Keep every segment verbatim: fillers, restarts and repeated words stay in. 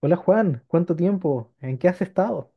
Hola Juan, ¿cuánto tiempo? ¿En qué has estado?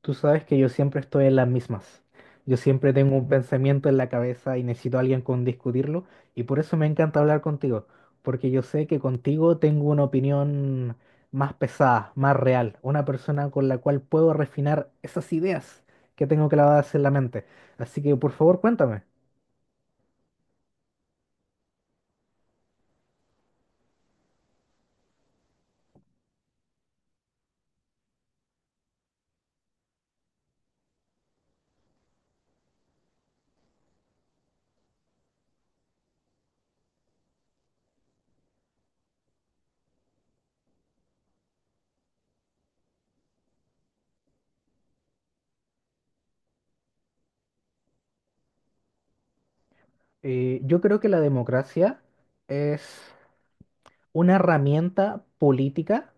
Tú sabes que yo siempre estoy en las mismas. Yo siempre tengo un pensamiento en la cabeza y necesito a alguien con discutirlo y por eso me encanta hablar contigo, porque yo sé que contigo tengo una opinión más pesada, más real, una persona con la cual puedo refinar esas ideas que tengo clavadas en la mente. Así que por favor cuéntame. Eh, yo creo que la democracia es una herramienta política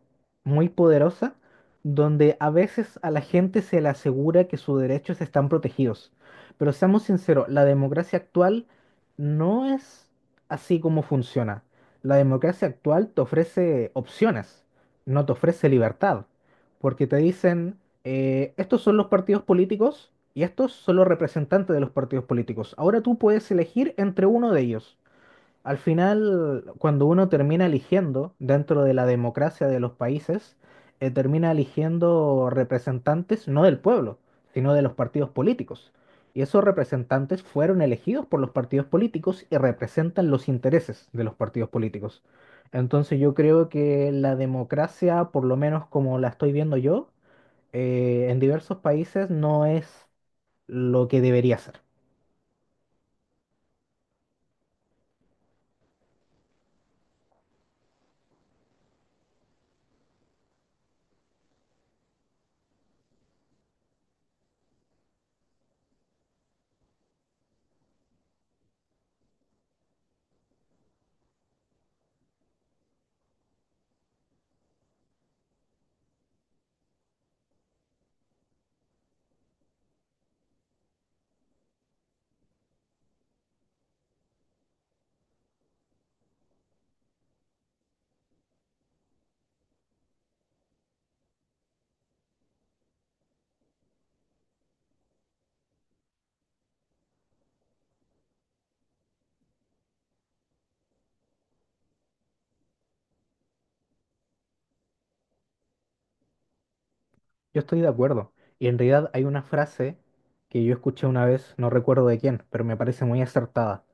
muy poderosa donde a veces a la gente se le asegura que sus derechos están protegidos. Pero seamos sinceros, la democracia actual no es así como funciona. La democracia actual te ofrece opciones, no te ofrece libertad, porque te dicen, eh, estos son los partidos políticos y estos son los representantes de los partidos políticos. Ahora tú puedes elegir entre uno de ellos. Al final, cuando uno termina eligiendo dentro de la democracia de los países, eh, termina eligiendo representantes no del pueblo, sino de los partidos políticos. Y esos representantes fueron elegidos por los partidos políticos y representan los intereses de los partidos políticos. Entonces yo creo que la democracia, por lo menos como la estoy viendo yo, eh, en diversos países no es lo que debería ser. Yo estoy de acuerdo. Y en realidad hay una frase que yo escuché una vez, no recuerdo de quién, pero me parece muy acertada.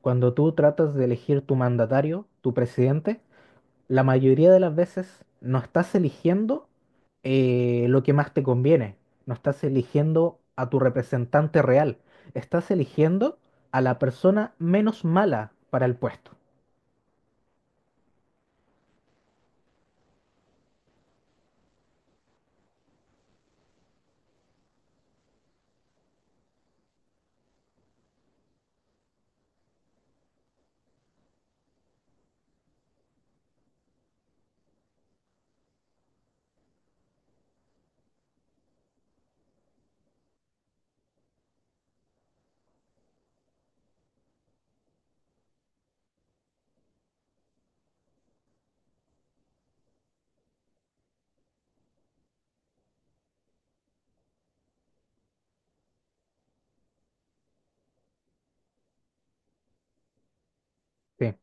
Cuando tú tratas de elegir tu mandatario, tu presidente, la mayoría de las veces no estás eligiendo eh, lo que más te conviene, no estás eligiendo a tu representante real, estás eligiendo a la persona menos mala para el puesto. Sí.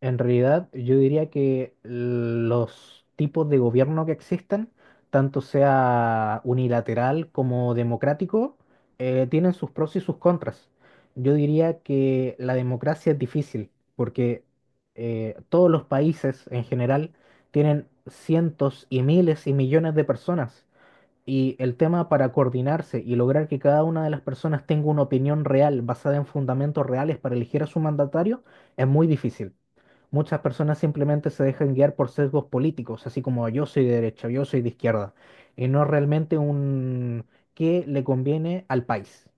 En realidad, yo diría que los tipos de gobierno que existen, tanto sea unilateral como democrático, eh, tienen sus pros y sus contras. Yo diría que la democracia es difícil porque eh, todos los países en general tienen cientos y miles y millones de personas y el tema para coordinarse y lograr que cada una de las personas tenga una opinión real basada en fundamentos reales para elegir a su mandatario es muy difícil. Muchas personas simplemente se dejan guiar por sesgos políticos, así como yo soy de derecha, yo soy de izquierda, y no realmente un qué le conviene al país.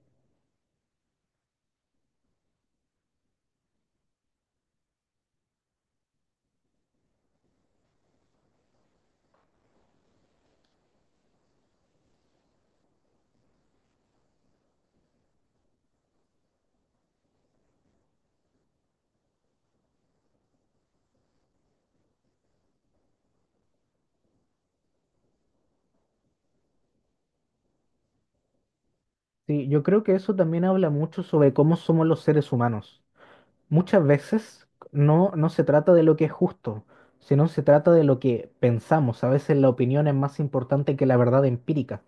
Sí, yo creo que eso también habla mucho sobre cómo somos los seres humanos. Muchas veces no, no se trata de lo que es justo, sino se trata de lo que pensamos. A veces la opinión es más importante que la verdad empírica.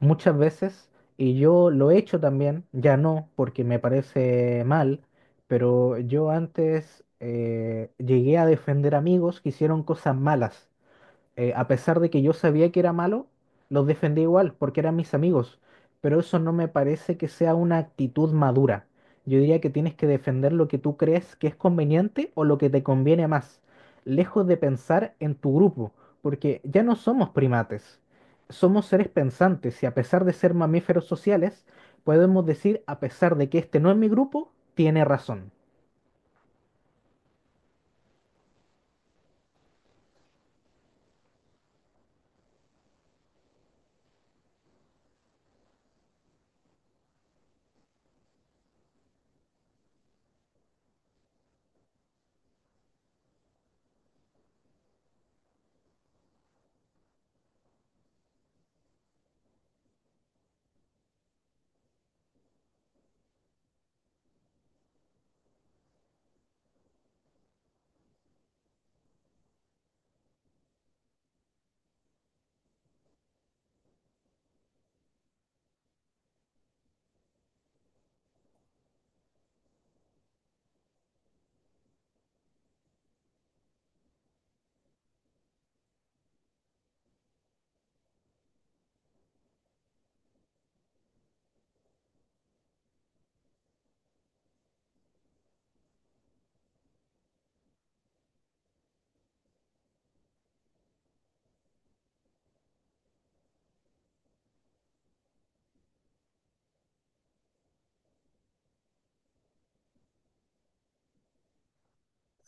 Muchas veces, y yo lo he hecho también, ya no, porque me parece mal, pero yo antes eh, llegué a defender amigos que hicieron cosas malas eh, a pesar de que yo sabía que era malo, los defendí igual porque eran mis amigos. Pero eso no me parece que sea una actitud madura. Yo diría que tienes que defender lo que tú crees que es conveniente o lo que te conviene más, lejos de pensar en tu grupo, porque ya no somos primates, somos seres pensantes y a pesar de ser mamíferos sociales, podemos decir, a pesar de que este no es mi grupo, tiene razón.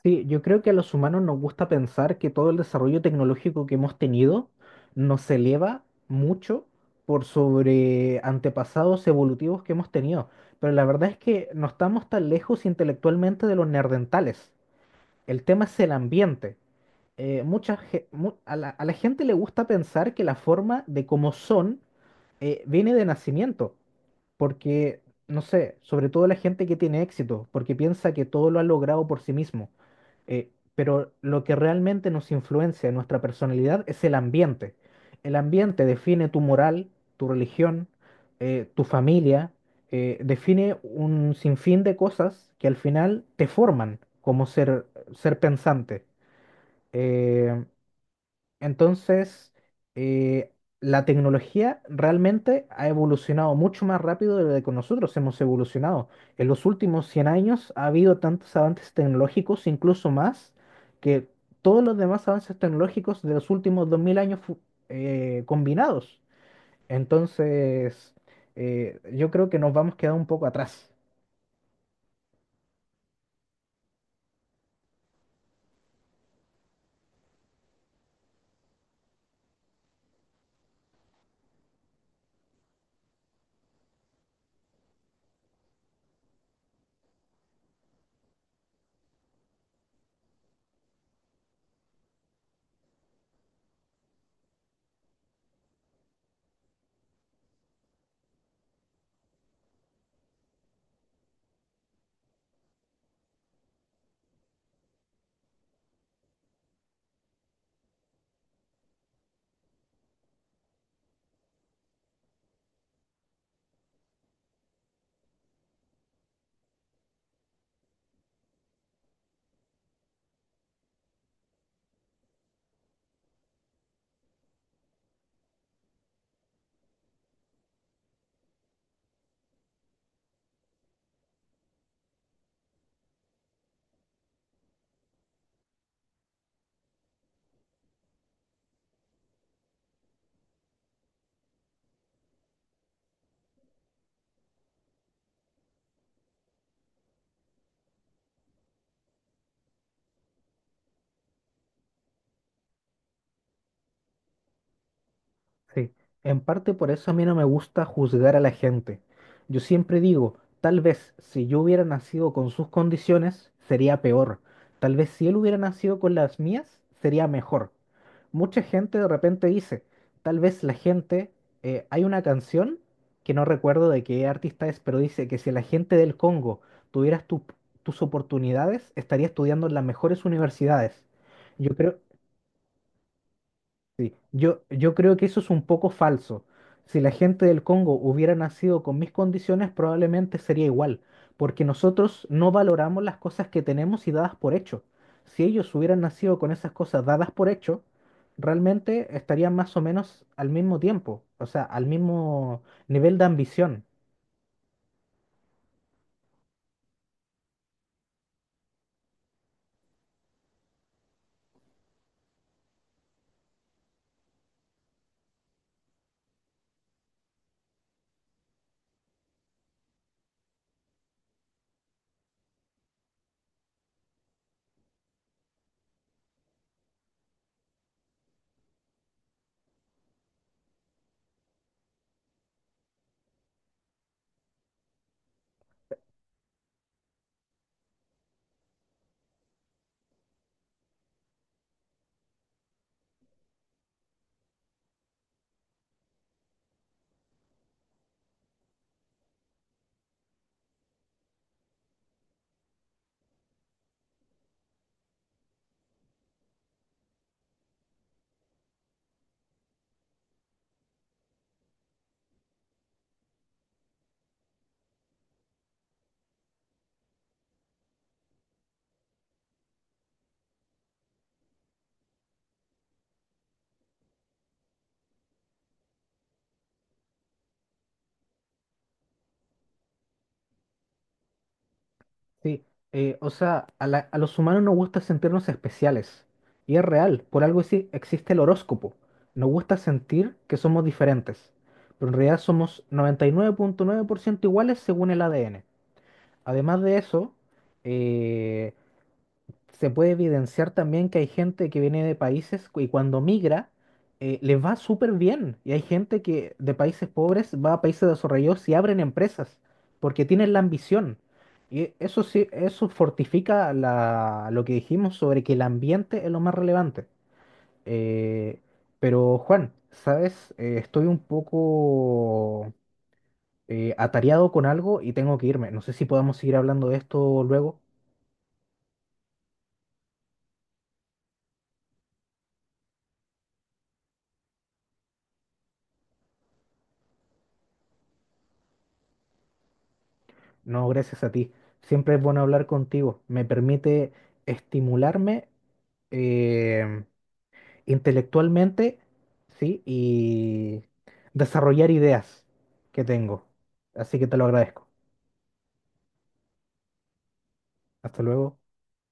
Sí, yo creo que a los humanos nos gusta pensar que todo el desarrollo tecnológico que hemos tenido nos eleva mucho por sobre antepasados evolutivos que hemos tenido. Pero la verdad es que no estamos tan lejos intelectualmente de los neandertales. El tema es el ambiente. eh, mucha, ge- mu- a la, a la gente le gusta pensar que la forma de cómo son eh, viene de nacimiento, porque, no sé, sobre todo la gente que tiene éxito, porque piensa que todo lo ha logrado por sí mismo. Eh, pero lo que realmente nos influencia en nuestra personalidad es el ambiente. El ambiente define tu moral, tu religión, eh, tu familia, eh, define un sinfín de cosas que al final te forman como ser, ser pensante. Eh, entonces, eh, la tecnología realmente ha evolucionado mucho más rápido de lo que nosotros hemos evolucionado. En los últimos cien años ha habido tantos avances tecnológicos, incluso más, que todos los demás avances tecnológicos de los últimos dos mil años fu- eh, combinados. Entonces, eh, yo creo que nos vamos quedando un poco atrás. Sí, en parte por eso a mí no me gusta juzgar a la gente. Yo siempre digo, tal vez si yo hubiera nacido con sus condiciones, sería peor. Tal vez si él hubiera nacido con las mías, sería mejor. Mucha gente de repente dice, tal vez la gente, eh, hay una canción que no recuerdo de qué artista es, pero dice que si la gente del Congo tuvieras tu- tus oportunidades, estaría estudiando en las mejores universidades. Yo creo, Sí, yo, yo creo que eso es un poco falso. Si la gente del Congo hubiera nacido con mis condiciones, probablemente sería igual, porque nosotros no valoramos las cosas que tenemos y dadas por hecho. Si ellos hubieran nacido con esas cosas dadas por hecho, realmente estarían más o menos al mismo tiempo, o sea, al mismo nivel de ambición. Sí, eh, o sea, a, la- a los humanos nos gusta sentirnos especiales. Y es real, por algo sí existe el horóscopo. Nos gusta sentir que somos diferentes. Pero en realidad somos noventa y nueve nueve punto nueve por ciento iguales según el A D N. Además de eso, eh, se puede evidenciar también que hay gente que viene de países cu- y cuando migra eh, les va súper bien. Y hay gente que de países pobres va a países desarrollados y abren empresas porque tienen la ambición. Y eso sí, eso fortifica la- lo que dijimos sobre que el ambiente es lo más relevante. Eh, pero Juan, ¿sabes? Eh, estoy un poco eh, atareado con algo y tengo que irme. No sé si podamos seguir hablando de esto luego. No, gracias a ti. Siempre es bueno hablar contigo. Me permite estimularme eh, intelectualmente, ¿sí? Y desarrollar ideas que tengo. Así que te lo agradezco. Hasta luego.